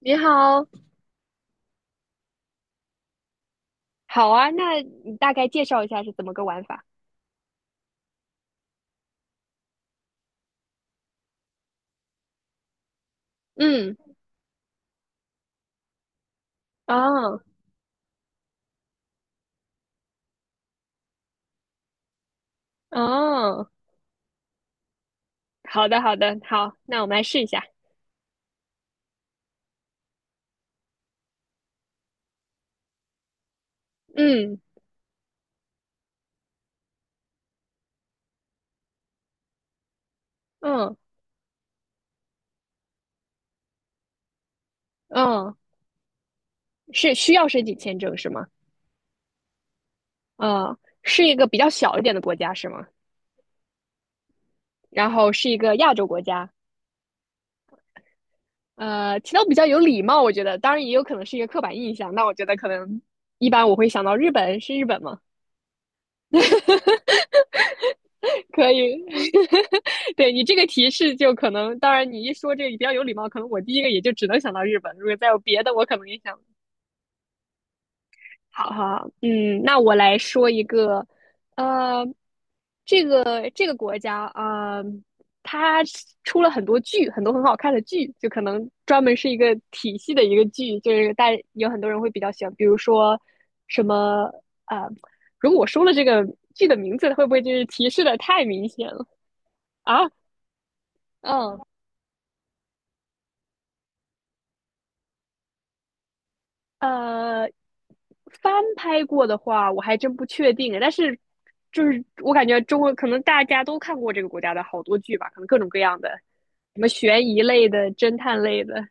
你好。好啊，那你大概介绍一下是怎么个玩法？嗯。哦。哦，好的，好的，好，那我们来试一下。嗯。嗯。嗯，是需要申请签证是吗？呃，是一个比较小一点的国家是吗？然后是一个亚洲国家。提到比较有礼貌，我觉得，当然也有可能是一个刻板印象。那我觉得可能一般我会想到日本，是日本吗？可以，对你这个提示就可能，当然你一说这个比较有礼貌，可能我第一个也就只能想到日本。如果再有别的，我可能也想。好好好。嗯，那我来说一个。呃，这个国家啊，它出了很多剧，很多很好看的剧，就可能专门是一个体系的一个剧，就是大有很多人会比较喜欢，比如说什么啊、如果我说了这个剧的名字，会不会就是提示的太明显了。啊？嗯。呃，翻拍过的话，我还真不确定。但是，就是我感觉中国可能大家都看过这个国家的好多剧吧，可能各种各样的，什么悬疑类的、侦探类的。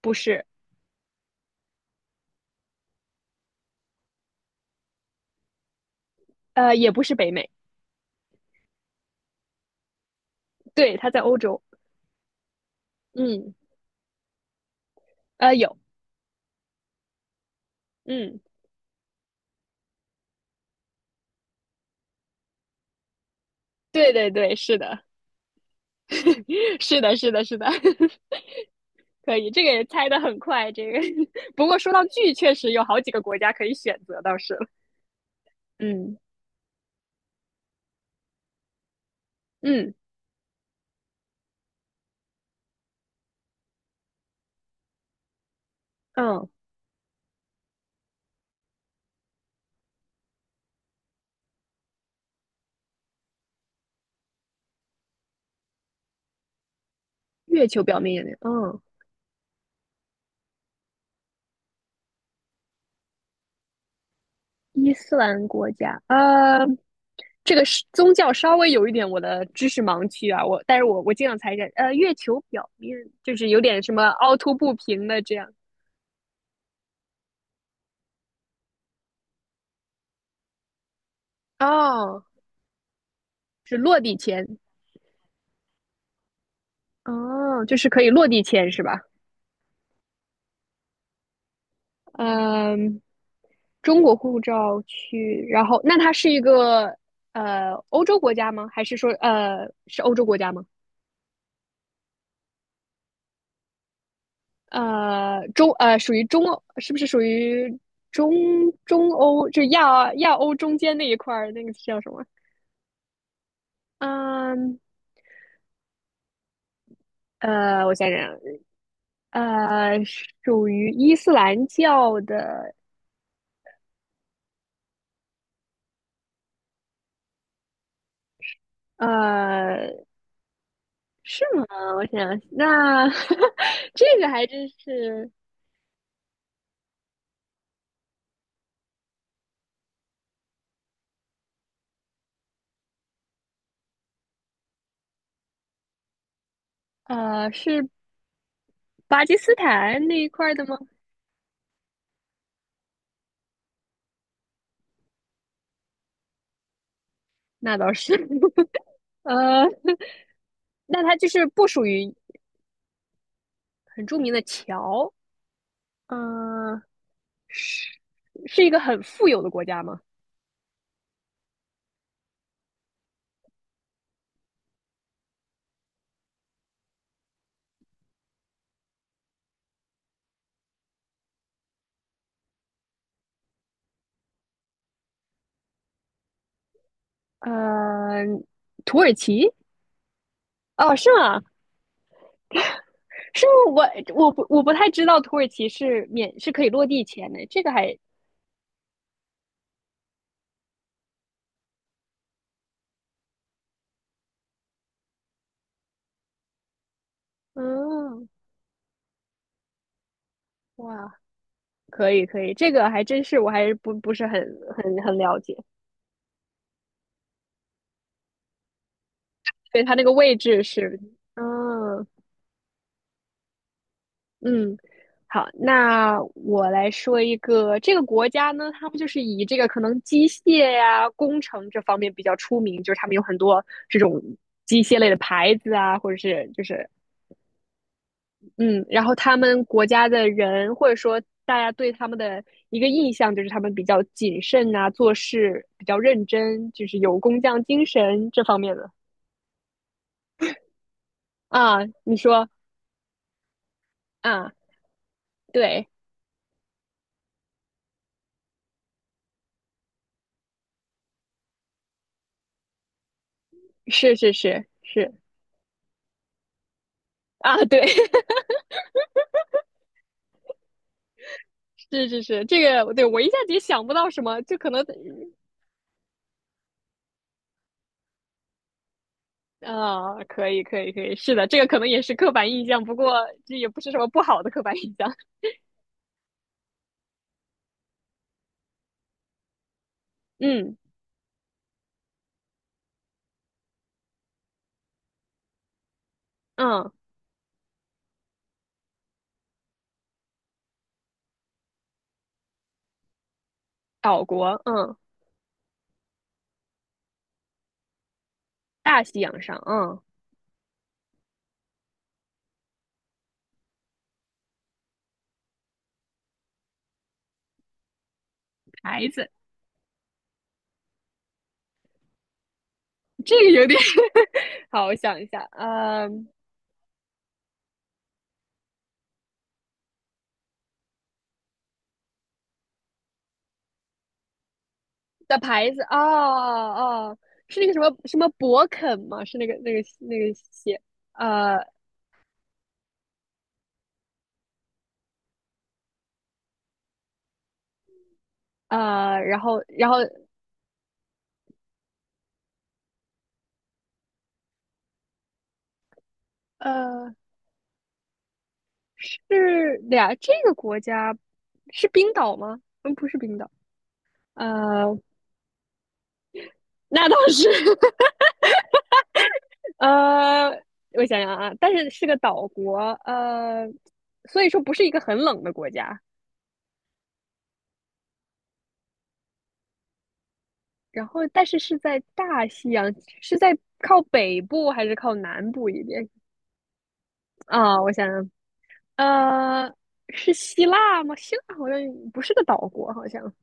不是。也不是北美。对，它在欧洲。嗯。有。嗯，对对对，是的。是的，是的，是的。可以，这个也猜的很快。这个，不过说到剧，确实有好几个国家可以选择，倒是了。嗯。嗯。嗯，月球表面也那，嗯。伊斯兰国家。这个是宗教稍微有一点我的知识盲区啊，但是我尽量猜着。月球表面就是有点什么凹凸不平的这样。哦，是落地签。哦，就是可以落地签是吧？嗯，中国护照去，然后那它是一个欧洲国家吗？还是说是欧洲国家吗？属于中欧，是不是属于中中欧，就亚欧中间那一块儿，那个叫什么？嗯。我想想。呃，属于伊斯兰教的。呃，是吗？我想想，那 这个还真是。呃，是巴基斯坦那一块儿的吗？那倒是。呃，那它就是不属于很著名的桥。嗯、是一个很富有的国家吗？嗯，土耳其？哦，是吗？是吗？我我不我不太知道土耳其是免是可以落地签的，这个还嗯。哇，可以可以，这个还真是我还是不是很很很了解。所以它那个位置是嗯。嗯，好，那我来说一个，这个国家呢，他们就是以这个可能机械呀、工程这方面比较出名，就是他们有很多这种机械类的牌子啊，或者是就是嗯，然后他们国家的人或者说大家对他们的一个印象就是他们比较谨慎啊，做事比较认真，就是有工匠精神这方面的。啊？你说啊？对，是是是是。啊，对，是是是，这个对我一下子也想不到什么，就可能啊、可以可以可以，是的，这个可能也是刻板印象，不过这也不是什么不好的刻板印象。嗯。嗯，岛国，嗯。大西洋上，嗯。牌子。这个有点 好，我想一下，嗯。的牌子，哦哦，是那个什么什么博肯吗？是那个那个那个鞋。呃呃，然后然后呃是俩这个国家是冰岛吗？嗯，不是冰岛。呃，那倒是。呃，我想想啊，但是是个岛国。呃，所以说不是一个很冷的国家。然后，但是是在大西洋，是在靠北部还是靠南部一点。啊？我想想。呃，是希腊吗？希腊好像不是个岛国，好像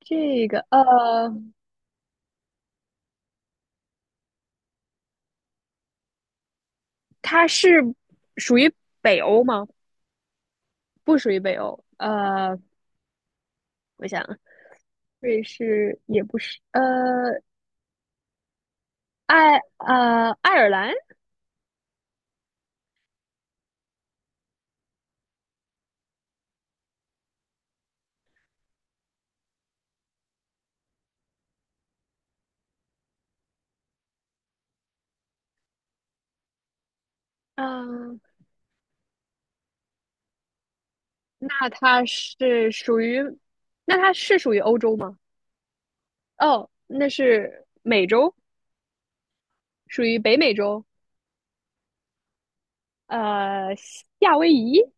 这个它是属于北欧吗？不属于北欧。我想瑞士也不是。爱尔兰。嗯、那它是属于，那它是属于欧洲吗？哦，那是美洲，属于北美洲。呃，夏威夷。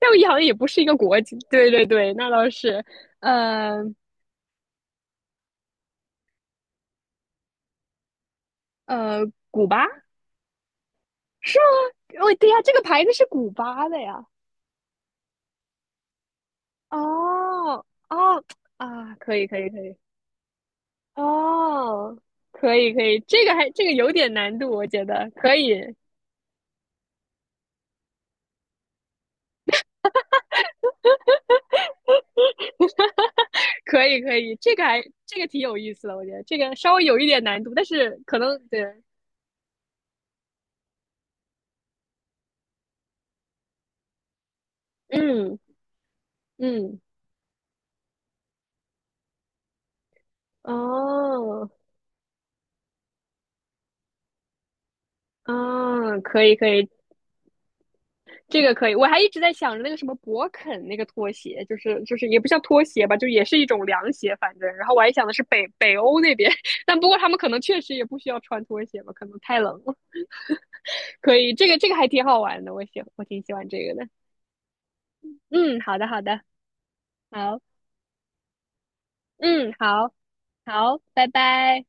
夏威夷好像也不是一个国家，对对对，那倒是。呃呃，古巴是吗？哦，对呀，这个牌子是古巴的呀。哦哦。啊，可以可以可以。哦，可以可以，这个还这个有点难度，我觉得可以可以可以，这个还这个挺有意思的，我觉得这个稍微有一点难度，但是可能对。嗯。嗯。哦。嗯，可以可以，这个可以，我还一直在想着那个什么博肯那个拖鞋，就是也不像拖鞋吧，就也是一种凉鞋，反正，然后我还想的是北欧那边。但不过他们可能确实也不需要穿拖鞋吧，可能太冷了。可以，这个这个还挺好玩的，我挺喜欢这个的。嗯，好的，好的，好。嗯，好。好，拜拜。